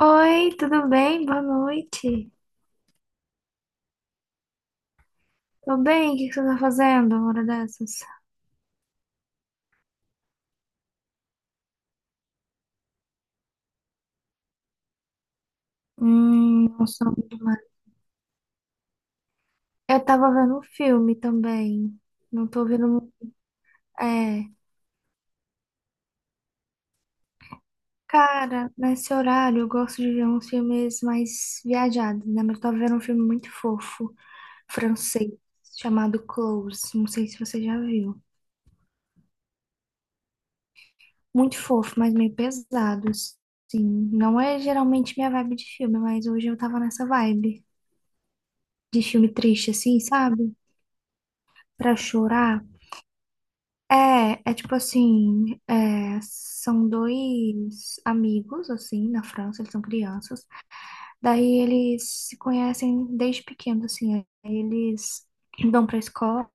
Oi, tudo bem? Boa noite. Tô bem, o que que você tá fazendo uma hora dessas? Não sou muito mais. Eu tava vendo um filme também. Não tô vendo. É. Cara, nesse horário eu gosto de ver uns filmes mais viajados, né? Mas eu tava vendo um filme muito fofo, francês, chamado Close. Não sei se você já viu. Muito fofo, mas meio pesado, sim. Não é geralmente minha vibe de filme, mas hoje eu tava nessa vibe de filme triste, assim, sabe? Pra chorar? É, é tipo assim, é, são dois amigos, assim, na França, eles são crianças. Daí eles se conhecem desde pequeno, assim. Aí eles vão pra escola,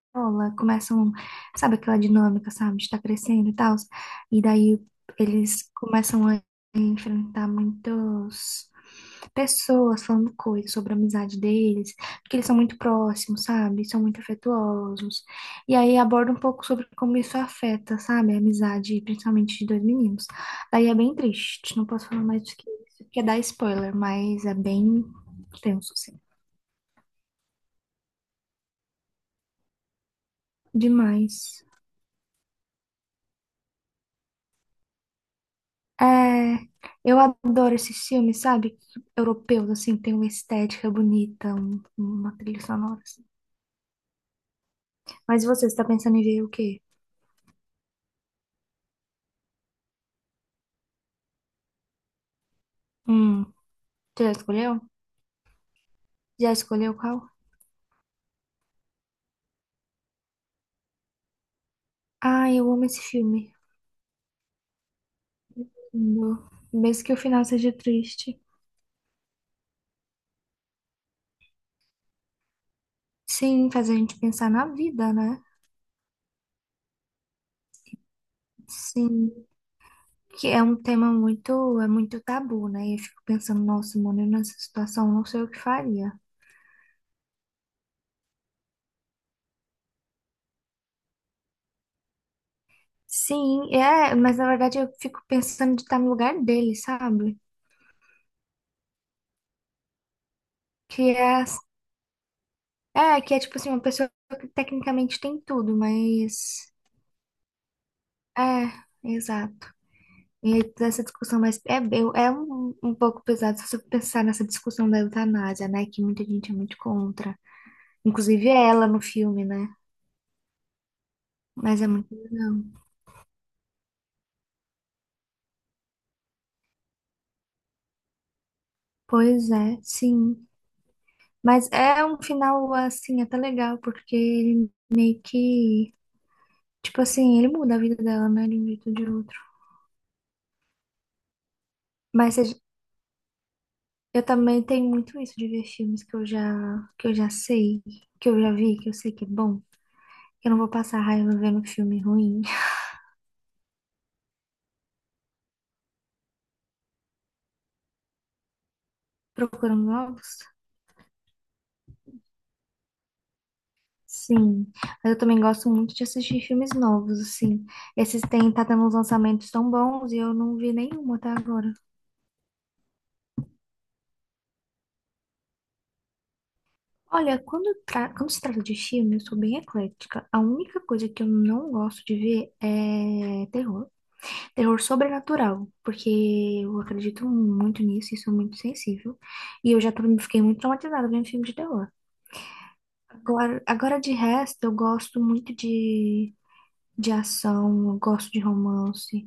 começam, sabe aquela dinâmica, sabe, de estar crescendo e tal. E daí eles começam a enfrentar muitas pessoas falando coisas sobre a amizade deles, porque eles são muito próximos, sabe? São muito afetuosos. E aí aborda um pouco sobre como isso afeta, sabe, a amizade, principalmente de dois meninos. Aí é bem triste, não posso falar mais do que isso, porque dá spoiler, mas é bem tenso, assim. Demais. É, eu adoro esses filmes, sabe? Europeus, assim, tem uma estética bonita, uma trilha sonora, assim. Mas você está pensando em ver o quê? Hum, você já escolheu? Já escolheu qual? Ah, eu amo esse filme. Amo. Mesmo que o final seja triste. Sim, faz a gente pensar na vida, né? Sim. Que é um tema muito, é muito tabu, né? E eu fico pensando, nossa, mano, eu nessa situação não sei o que faria. Sim, é, mas na verdade eu fico pensando de estar no lugar dele, sabe? Que é, que é tipo assim, uma pessoa que tecnicamente tem tudo, mas é, exato. E aí toda essa discussão, mas é, é um pouco pesado se você pensar nessa discussão da eutanásia, né? Que muita gente é muito contra. Inclusive ela no filme, né? Mas é muito legal. Pois é, sim. Mas é um final, assim, até legal, porque ele meio que. Tipo assim, ele muda a vida dela, né? De um jeito ou de outro. Mas a eu também tenho muito isso de ver filmes que que eu já sei, que eu já vi, que eu sei que é bom. Eu não vou passar raiva vendo filme ruim. Procurando novos? Sim. Mas eu também gosto muito de assistir filmes novos, assim. Esses têm, tá tendo uns lançamentos tão bons e eu não vi nenhum até agora. Olha, quando se trata de filme, eu sou bem eclética. A única coisa que eu não gosto de ver é terror. Terror sobrenatural, porque eu acredito muito nisso e sou muito sensível. E eu já fiquei muito traumatizada vendo filme de terror. Agora de resto, eu gosto muito de ação, eu gosto de romance,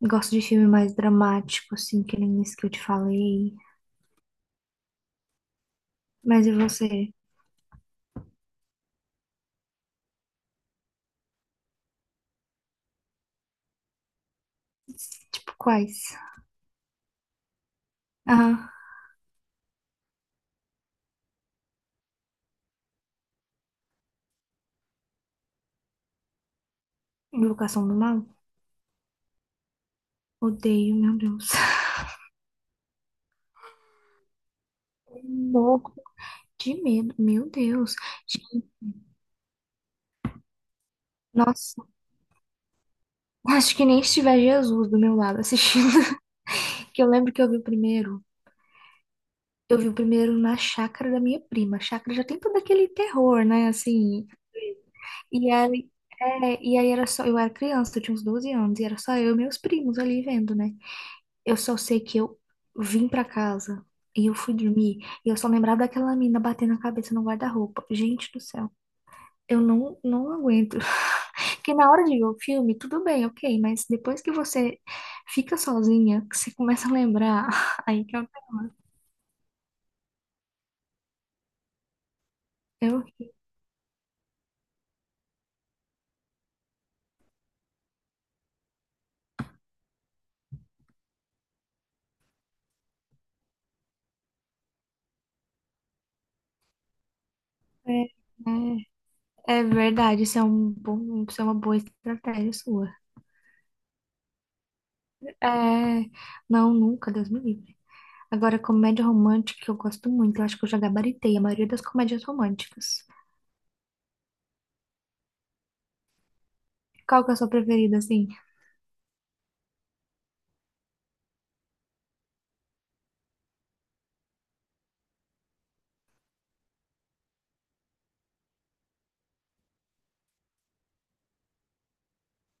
gosto de filme mais dramático, assim, que nem esse que eu te falei. Mas e você? Tipo, quais? Ah, Invocação do Mal? Odeio, meu Deus. Louco de medo, meu Deus. Gente, nossa, acho que nem estiver Jesus do meu lado assistindo. Que eu lembro que eu vi o primeiro. Eu vi o primeiro na chácara da minha prima. A chácara já tem todo aquele terror, né? Assim. E aí, é, e aí era só. Eu era criança, eu tinha uns 12 anos, e era só eu e meus primos ali vendo, né? Eu só sei que eu vim pra casa e eu fui dormir. E eu só lembrava daquela mina batendo a cabeça no guarda-roupa. Gente do céu, eu não aguento. Porque na hora de ver o filme, tudo bem, ok, mas depois que você fica sozinha, que você começa a lembrar, aí que eu é, horrível. é, é é verdade, isso é uma boa estratégia sua. É, não, nunca, Deus me livre. Agora, comédia romântica que eu gosto muito, eu acho que eu já gabaritei a maioria das comédias românticas. Qual que é a sua preferida, assim?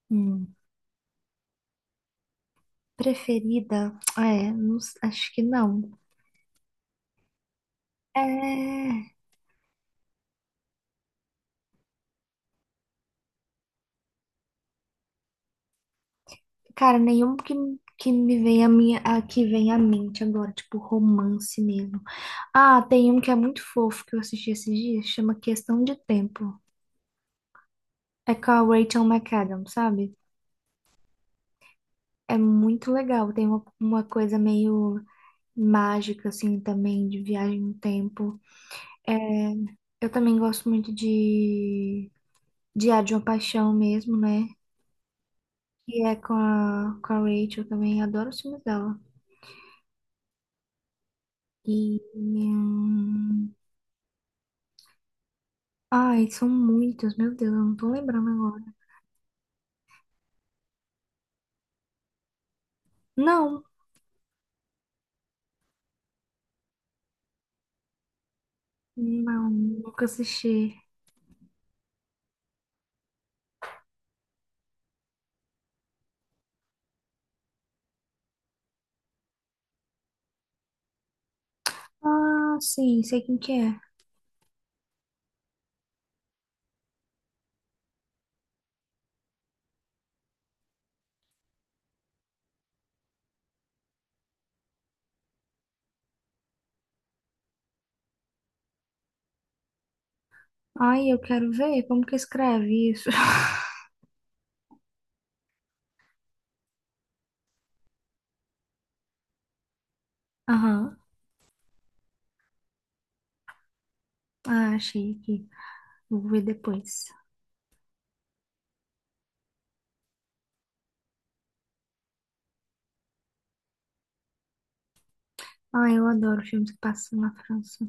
Hum, preferida? É, não acho que não. É. Cara, que me vem a minha, a, que vem à mente agora, tipo romance mesmo. Ah, tem um que é muito fofo que eu assisti esses dias, chama Questão de Tempo. É com a Rachel McAdams, sabe? É muito legal, tem uma coisa meio mágica, assim, também, de viagem no tempo. É, eu também gosto muito de Diário de uma Paixão mesmo, né? E é com a Rachel também, adoro os filmes dela. E. Ai, são muitos, meu Deus, eu não tô lembrando agora. Não, não, nunca assisti. Ah, sim, sei quem que é. Ai, eu quero ver como que escreve isso. Aham, ah, achei aqui. Vou ver depois. Ah, eu adoro filmes que passam na França.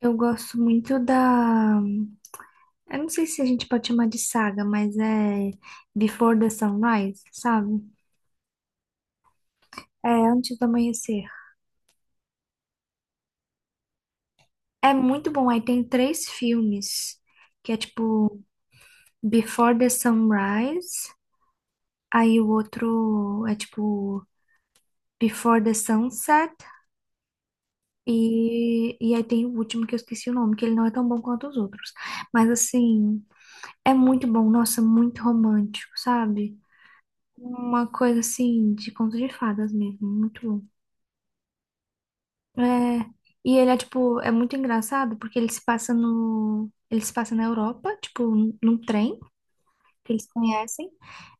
Eu gosto muito da. Eu não sei se a gente pode chamar de saga, mas é Before the Sunrise, sabe? É Antes do Amanhecer. É muito bom. Aí tem três filmes, que é tipo Before the Sunrise. Aí o outro é tipo Before the Sunset. E aí tem o último que eu esqueci o nome, que ele não é tão bom quanto os outros. Mas assim, é muito bom. Nossa, muito romântico, sabe? Uma coisa assim de conto de fadas mesmo. Muito bom. É, e ele é tipo, é muito engraçado porque ele se passa no, ele se passa na Europa, tipo, num trem que eles conhecem.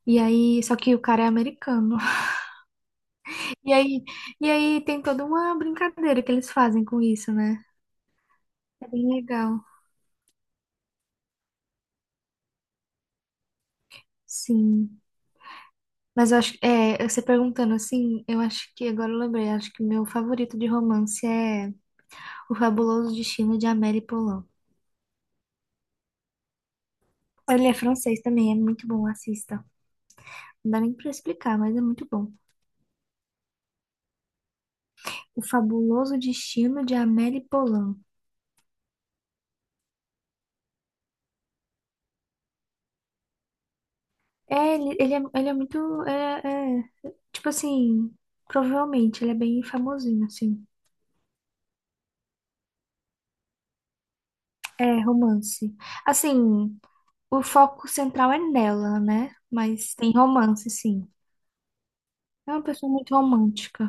E aí, só que o cara é americano. E aí, e aí, tem toda uma brincadeira que eles fazem com isso, né? É bem legal. Sim. Mas eu acho, é, você perguntando assim, eu acho que agora eu lembrei, acho que meu favorito de romance é O Fabuloso Destino de Amélie Poulain. Ele é francês também, é muito bom, assista. Não dá nem pra explicar, mas é muito bom. O Fabuloso Destino de Amélie Poulain. É, ele é muito, tipo assim, provavelmente, ele é bem famosinho, assim. É, romance. Assim, o foco central é nela, né? Mas tem romance, sim. É uma pessoa muito romântica.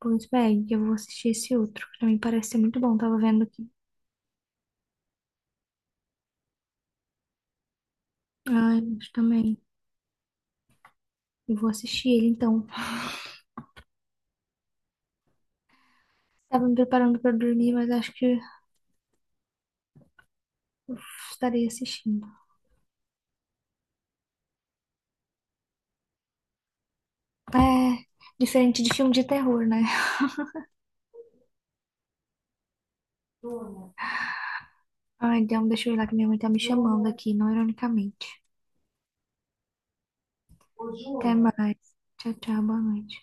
Pois bem, eu vou assistir esse outro, que também parece ser muito bom. Tava vendo aqui. Ai, acho também. Eu vou assistir ele, então. Tava me preparando pra dormir, mas acho que eu estarei assistindo. É, diferente de filme de terror, né? Ai, então deixa eu ir lá que minha mãe tá me chamando aqui, não ironicamente. Até mais. Tchau, tchau, boa noite.